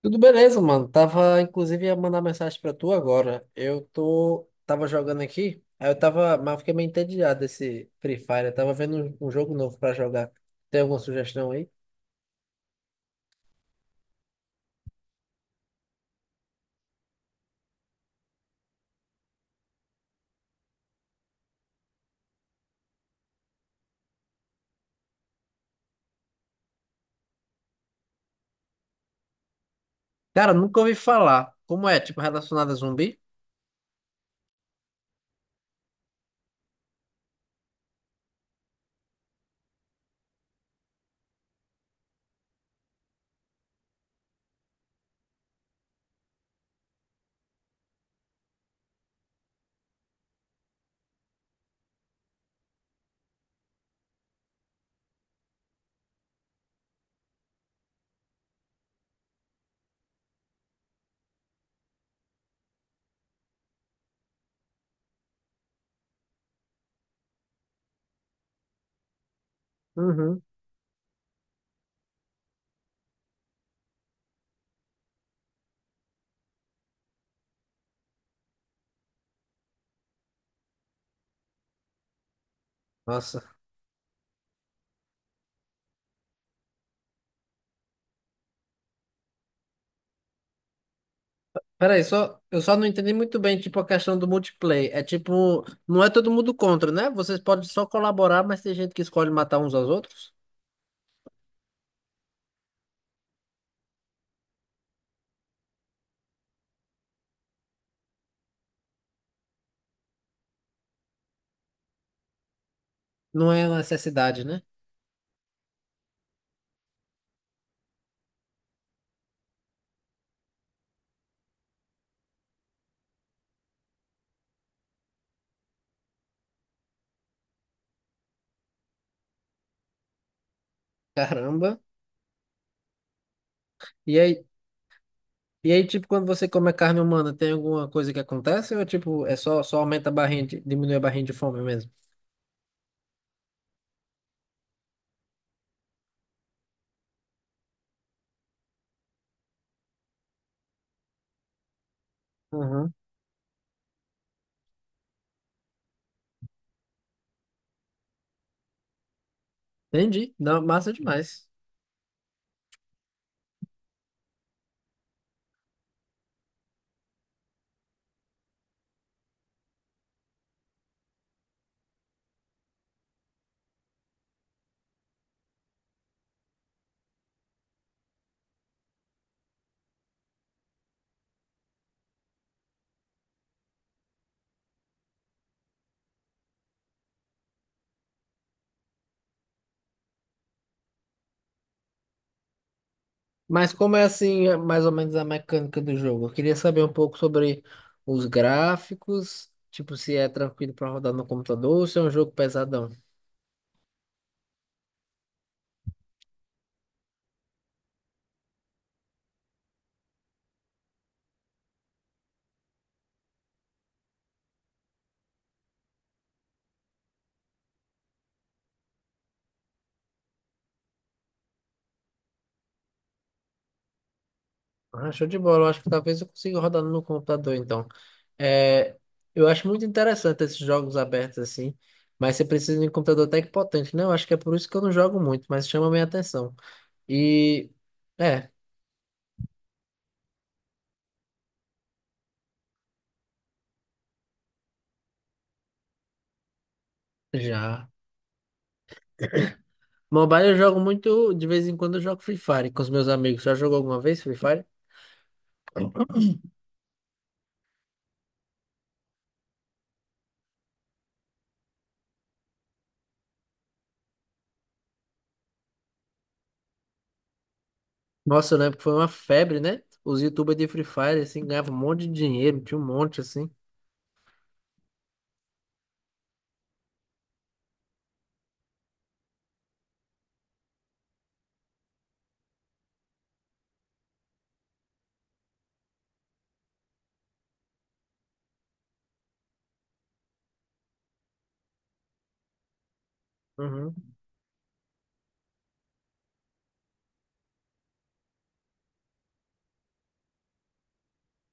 Tudo beleza, mano. Tava, inclusive, ia mandar mensagem pra tu agora. Tava jogando aqui, mas eu fiquei meio entediado desse Free Fire. Eu tava vendo um jogo novo pra jogar. Tem alguma sugestão aí? Cara, nunca ouvi falar. Como é? Tipo, relacionado a zumbi? Uhum. Nossa. Peraí, só, eu só não entendi muito bem, tipo, a questão do multiplayer. É tipo, não é todo mundo contra, né? Vocês podem só colaborar, mas tem gente que escolhe matar uns aos outros. Não é uma necessidade, né? Caramba. E aí, E aí, tipo, quando você come a carne humana, tem alguma coisa que acontece? Ou, é, tipo, é só aumenta a barrinha, diminui a barrinha de fome mesmo? Uhum. Entendi. Não, massa demais. Mas como é, assim, é mais ou menos a mecânica do jogo? Eu queria saber um pouco sobre os gráficos, tipo, se é tranquilo pra rodar no computador ou se é um jogo pesadão. Ah, show de bola. Eu acho que talvez eu consiga rodar no computador, então. É, eu acho muito interessante esses jogos abertos assim, mas você precisa de um computador até que potente, né? Eu acho que é por isso que eu não jogo muito, mas chama minha atenção. E, é, já. Mobile eu jogo muito, de vez em quando eu jogo Free Fire com os meus amigos. Já jogou alguma vez Free Fire? Nossa, eu lembro que foi uma febre, né? Os YouTubers de Free Fire, assim, ganhavam um monte de dinheiro, tinha um monte, assim. Uhum,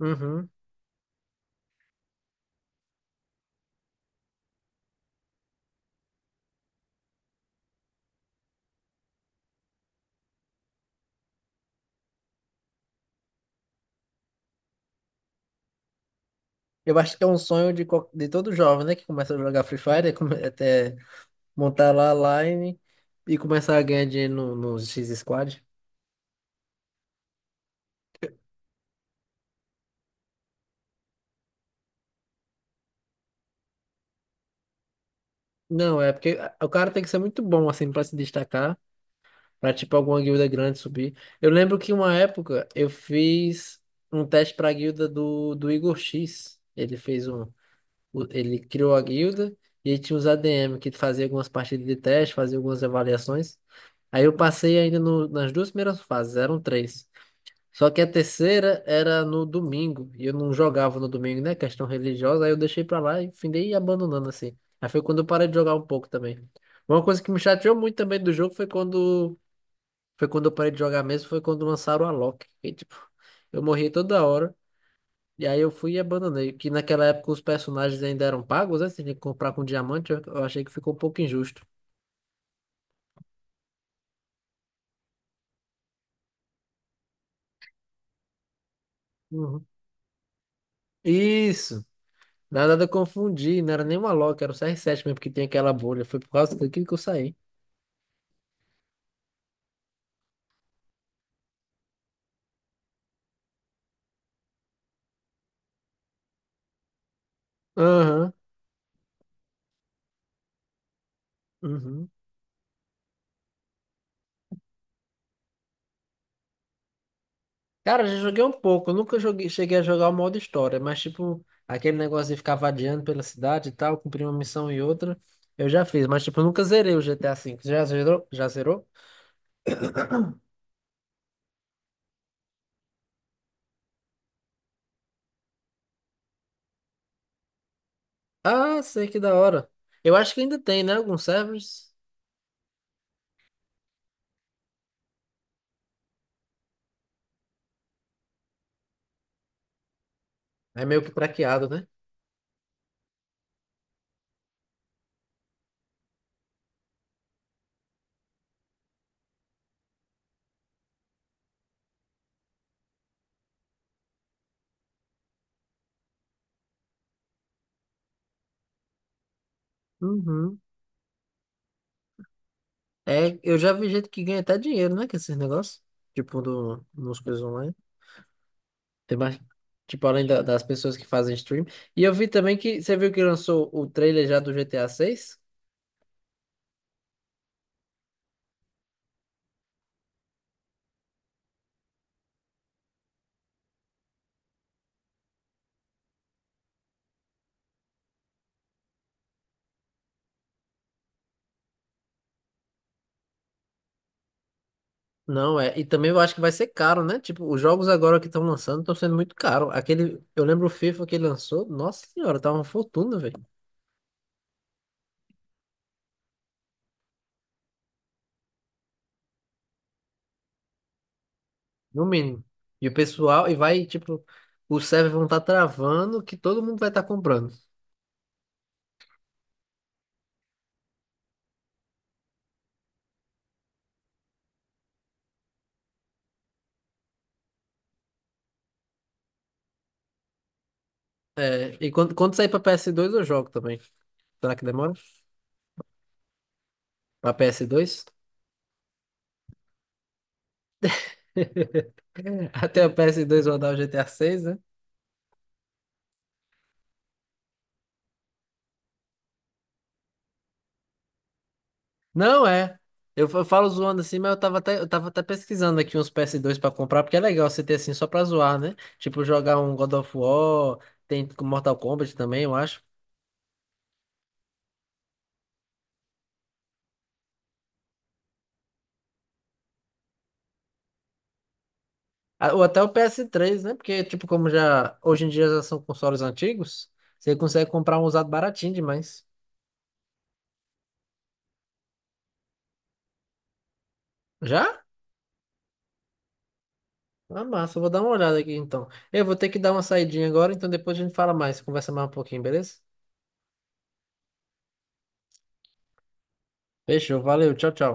uhum. Eu acho que é um sonho de, de todo jovem, né? Que começa a jogar Free Fire, até montar lá a line e começar a ganhar dinheiro no X-Squad. Não, é porque o cara tem que ser muito bom, assim, pra se destacar, pra, tipo, alguma guilda grande subir. Eu lembro que uma época eu fiz um teste pra guilda do Igor X. Ele fez um... o- Ele criou a guilda e aí tinha os ADM que fazia algumas partidas de teste, fazia algumas avaliações. Aí eu passei ainda nas duas primeiras fases, eram três. Só que a terceira era no domingo, e eu não jogava no domingo, né? Questão religiosa, aí eu deixei pra lá e findei abandonando assim. Aí foi quando eu parei de jogar um pouco também. Uma coisa que me chateou muito também do jogo foi quando eu parei de jogar mesmo, foi quando lançaram a Loki. E, tipo, eu morri toda hora, e aí eu fui e abandonei. Que naquela época os personagens ainda eram pagos, né? Você tinha que comprar com diamante, eu achei que ficou um pouco injusto. Uhum. Isso! Na verdade eu confundi, não era nem uma Loki, era o CR7 mesmo, que tem aquela bolha. Foi por causa daquilo que eu saí. Aham, uhum. Cara, já joguei um pouco. Eu nunca joguei, cheguei a jogar o modo história, mas tipo, aquele negócio de ficar vadiando pela cidade e tal, cumprir uma missão e outra, eu já fiz, mas tipo, eu nunca zerei o GTA V. Já zerou? Ah, sei que da hora. Eu acho que ainda tem, né? Alguns servers. É meio que craqueado, né? Uhum. É, eu já vi gente que ganha até dinheiro, né? Com esses negócios. Tipo, do, nos coisas tem mais, tipo, além das pessoas que fazem stream. E eu vi também que, você viu que lançou o trailer já do GTA 6. Não, é. E também eu acho que vai ser caro, né? Tipo, os jogos agora que estão lançando estão sendo muito caros. Aquele, eu lembro o FIFA que ele lançou, nossa senhora, tá uma fortuna, velho. No mínimo. E o pessoal, e vai, tipo, os servers vão estar travando que todo mundo vai estar comprando. É, e quando sair pra PS2 eu jogo também. Será que demora? Pra PS2. Até a PS2 rodar o GTA, né? Não é. Eu falo zoando assim, mas eu tava até pesquisando aqui uns PS2 pra comprar, porque é legal você ter assim só pra zoar, né? Tipo, jogar um God of War, tem com Mortal Kombat também, eu acho. Ah, ou até o PS3, né? Porque, tipo, como já hoje em dia já são consoles antigos, você consegue comprar um usado baratinho demais. Já? Ah, massa, eu vou dar uma olhada aqui então. Eu vou ter que dar uma saidinha agora, então depois a gente fala mais, conversa mais um pouquinho, beleza? Fechou, valeu, tchau, tchau.